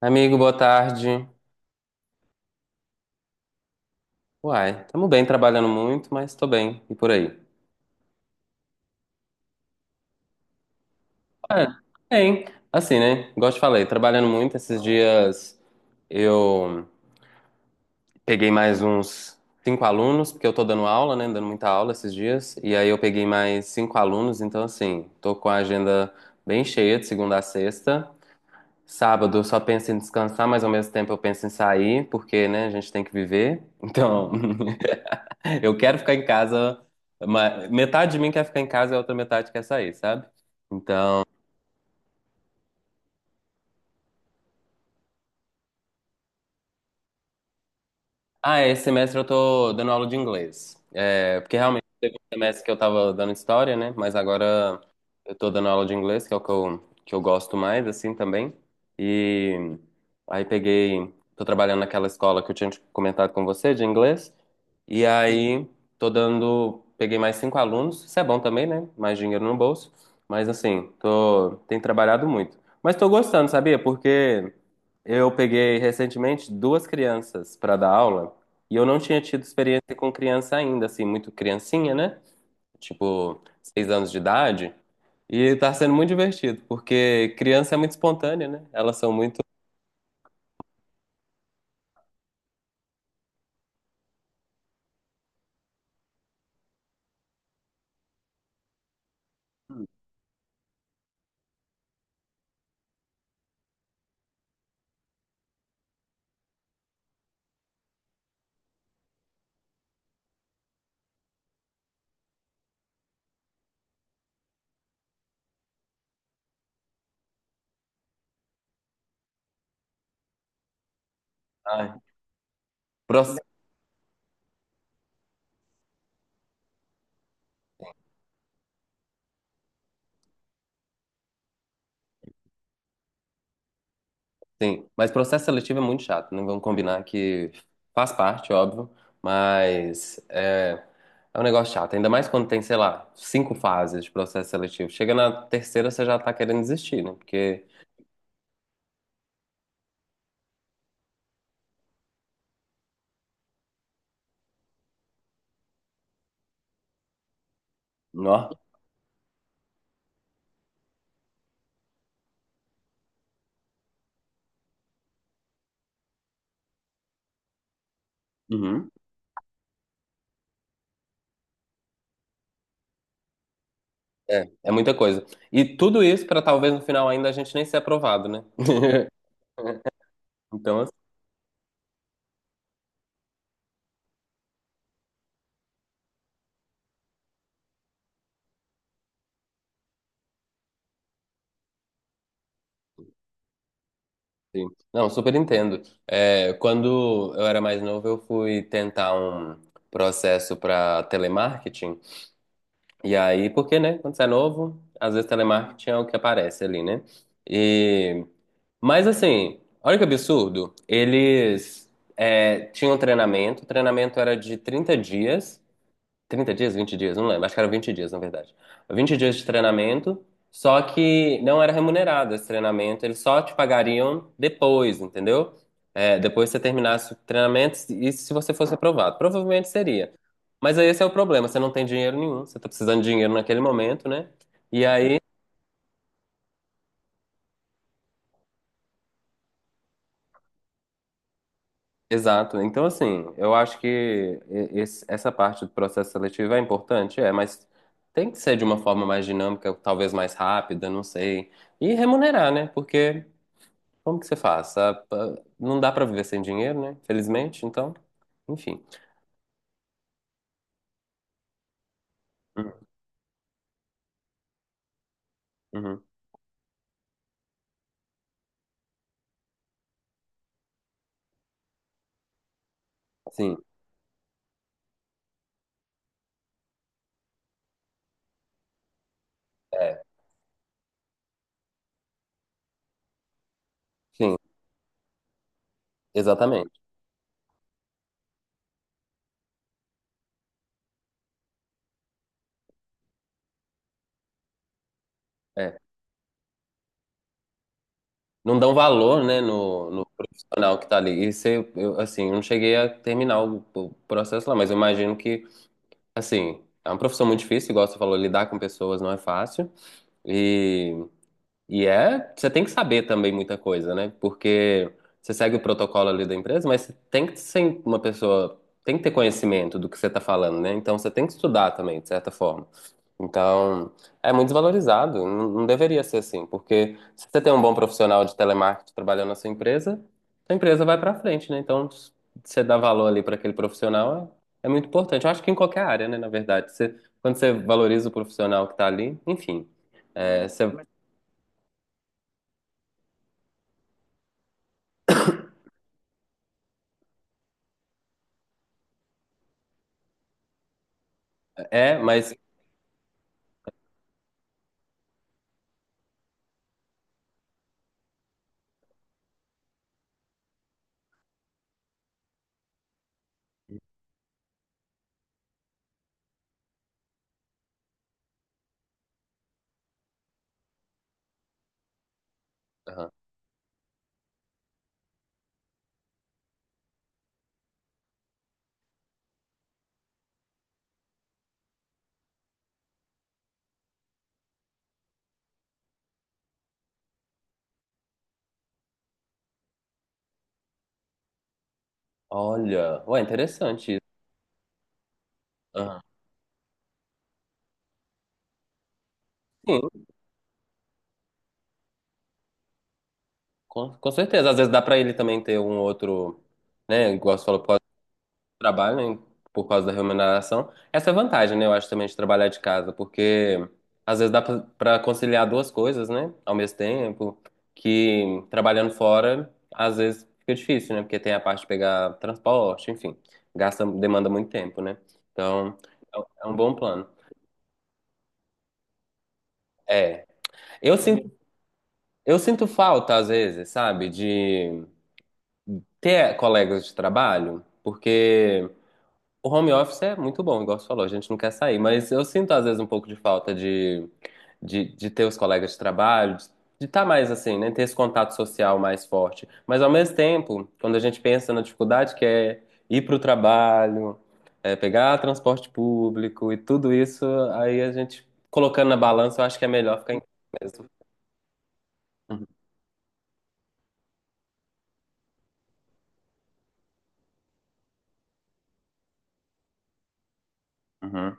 Amigo, boa tarde. Uai, tamo bem, trabalhando muito, mas tô bem. E por aí? É, bem. Assim, né? Igual te falei, trabalhando muito. Esses dias eu peguei mais uns cinco alunos, porque eu tô dando aula, né? Dando muita aula esses dias. E aí eu peguei mais cinco alunos, então assim, tô com a agenda bem cheia de segunda a sexta. Sábado eu só penso em descansar, mas ao mesmo tempo eu penso em sair, porque, né, a gente tem que viver. Então, eu quero ficar em casa, mas metade de mim quer ficar em casa e a outra metade quer sair, sabe? Então, ah, esse semestre eu tô dando aula de inglês. É, porque realmente teve um semestre que eu tava dando história, né? Mas agora eu tô dando aula de inglês, que é o que eu gosto mais, assim, também. E aí peguei, tô trabalhando naquela escola que eu tinha te comentado com você, de inglês. E aí tô dando, peguei mais cinco alunos. Isso é bom também, né? Mais dinheiro no bolso. Mas assim, tô, tenho trabalhado muito. Mas tô gostando, sabia? Porque eu peguei recentemente duas crianças para dar aula. E eu não tinha tido experiência com criança ainda, assim, muito criancinha, né? Tipo, 6 anos de idade. E tá sendo muito divertido, porque criança é muito espontânea, né? Elas são muito. Ai, proce- sim, mas processo seletivo é muito chato, não vamos combinar que faz parte, óbvio, mas é um negócio chato, ainda mais quando tem, sei lá, cinco fases de processo seletivo. Chega na terceira, você já tá querendo desistir, né? Porque. Nó. Uhum. É, é muita coisa. E tudo isso para talvez no final ainda a gente nem ser aprovado, né? Então, assim, não, super entendo. É, quando eu era mais novo, eu fui tentar um processo para telemarketing. E aí, porque, né? Quando você é novo, às vezes telemarketing é o que aparece ali, né? E mas assim, olha que absurdo. Eles tinham treinamento, o treinamento era de 30 dias, 20 dias, não lembro. Acho que eram 20 dias, na verdade. 20 dias de treinamento, só que não era remunerado esse treinamento, eles só te pagariam depois, entendeu? É, depois que você terminasse o treinamento e se você fosse aprovado. Provavelmente seria. Mas aí esse é o problema, você não tem dinheiro nenhum, você tá precisando de dinheiro naquele momento, né? E aí exato. Então, assim, eu acho que essa parte do processo seletivo é importante, é, mas tem que ser de uma forma mais dinâmica, talvez mais rápida, não sei. E remunerar, né? Porque como que você faz? Não dá pra viver sem dinheiro, né? Felizmente, então, enfim. Uhum. Uhum. Sim, é, sim, exatamente. É. Não dão valor, né, no profissional que tá ali. E você, eu, assim, eu não cheguei a terminar o processo lá, mas eu imagino que assim, é uma profissão muito difícil, igual você falou, lidar com pessoas não é fácil. E e é, você tem que saber também muita coisa, né? Porque você segue o protocolo ali da empresa, mas você tem que ser uma pessoa, tem que ter conhecimento do que você está falando, né? Então você tem que estudar também, de certa forma. Então, é muito desvalorizado, não deveria ser assim, porque se você tem um bom profissional de telemarketing trabalhando na sua empresa, a empresa vai para frente, né? Então, se você dá valor ali para aquele profissional é, é muito importante. Eu acho que em qualquer área, né, na verdade, você, quando você valoriza o profissional que está ali, enfim, é, você é, mas. Aham. Olha, ué, interessante isso. Aham. Sim, com certeza. Às vezes dá pra ele também ter um outro, né? Igual você falou, por causa do trabalho, né, por causa da remuneração. Essa é a vantagem, né? Eu acho também de trabalhar de casa, porque às vezes dá pra conciliar duas coisas, né? Ao mesmo tempo, que trabalhando fora, às vezes fica difícil, né? Porque tem a parte de pegar transporte, enfim, gasta, demanda muito tempo, né? Então, é um bom plano. É. Eu sinto Eu sinto falta, às vezes, sabe, de ter colegas de trabalho, porque o home office é muito bom, igual você falou, a gente não quer sair, mas eu sinto, às vezes, um pouco de falta de ter os colegas de trabalho, de estar mais assim, né, ter esse contato social mais forte. Mas, ao mesmo tempo, quando a gente pensa na dificuldade que é ir para o trabalho, é, pegar transporte público e tudo isso, aí a gente, colocando na balança, eu acho que é melhor ficar em casa mesmo. Uhum, uhum,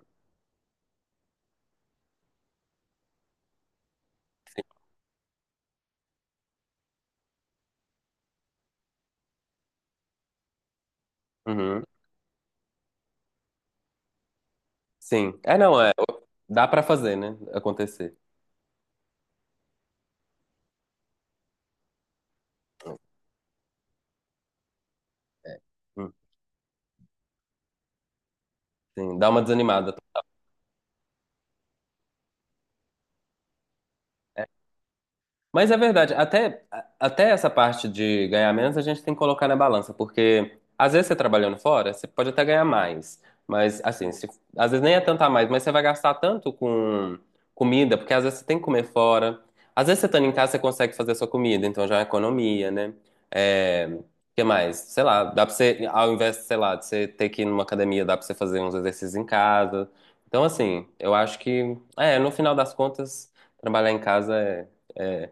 uhum. Sim. É, não, é, dá pra fazer, né? Acontecer. Hum, Sim, dá uma desanimada. Mas é verdade, até, até essa parte de ganhar menos a gente tem que colocar na balança, porque às vezes você trabalhando fora, você pode até ganhar mais, mas assim, às vezes nem é tanto a mais, mas você vai gastar tanto com comida, porque às vezes você tem que comer fora, às vezes você estando em casa você consegue fazer a sua comida, então já é uma economia, né? É, o que mais? Sei lá, dá pra você, ao invés, sei lá, de você ter que ir numa academia, dá pra você fazer uns exercícios em casa. Então assim, eu acho que, é, no final das contas, trabalhar em casa é é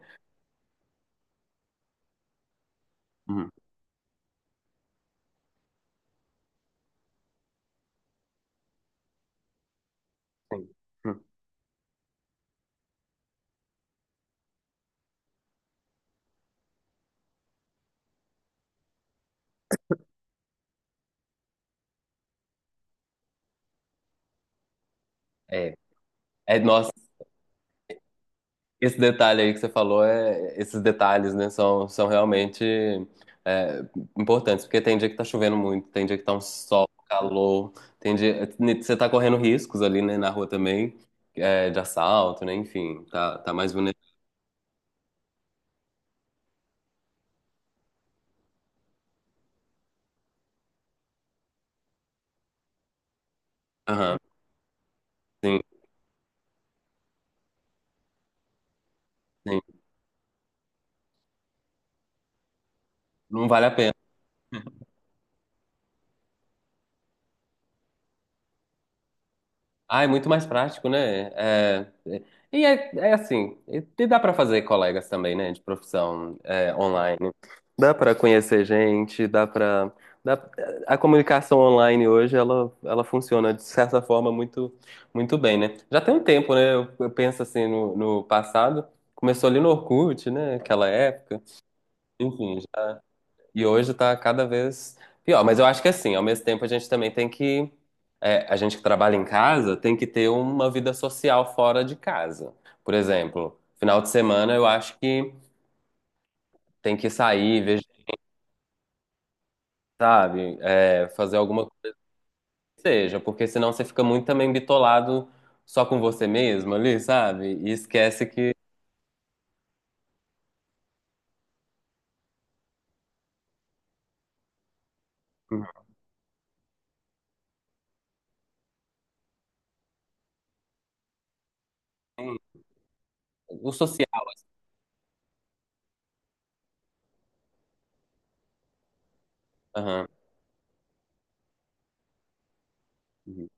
uhum, sim. Uhum. É, é, nossa, esse detalhe aí que você falou, é, esses detalhes, né, são, são realmente é, importantes, porque tem dia que tá chovendo muito, tem dia que tá um sol, um calor, tem dia, você tá correndo riscos ali, né, na rua também, é, de assalto, né, enfim, tá, tá mais vulnerável. Aham, sim, sim. Não vale a pena. Ah, é muito mais prático, né? E é, é assim, e dá para fazer colegas também, né? De profissão é, online. Dá para conhecer gente, dá para dá, a comunicação online hoje ela funciona de certa forma muito bem, né? Já tem um tempo, né? Eu penso assim no passado, começou ali no Orkut, né? Aquela época. Enfim, e hoje tá cada vez pior. Mas eu acho que assim, ao mesmo tempo a gente também tem que. É, a gente que trabalha em casa tem que ter uma vida social fora de casa. Por exemplo, final de semana eu acho que tem que sair, ver, sabe? É, fazer alguma coisa que seja, porque senão você fica muito também bitolado só com você mesmo ali, sabe? E esquece que. Uhum. O social. Aham. Uhum.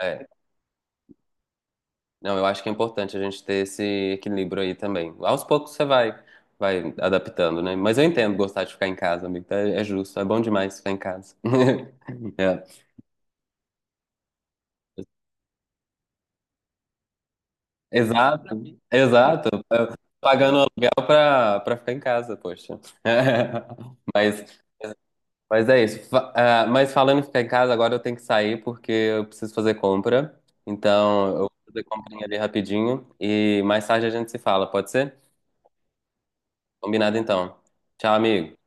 É. Não, eu acho que é importante a gente ter esse equilíbrio aí também. Aos poucos você vai, vai adaptando, né? Mas eu entendo gostar de ficar em casa, amigo. Tá? É justo, é bom demais ficar em casa. É. Exato, exato. É, pagando aluguel pra ficar em casa, poxa. Mas, mas é isso. Mas falando em ficar em casa, agora eu tenho que sair porque eu preciso fazer compra. Então, eu vou fazer comprinha ali rapidinho e mais tarde a gente se fala, pode ser? Combinado então. Tchau, amigo.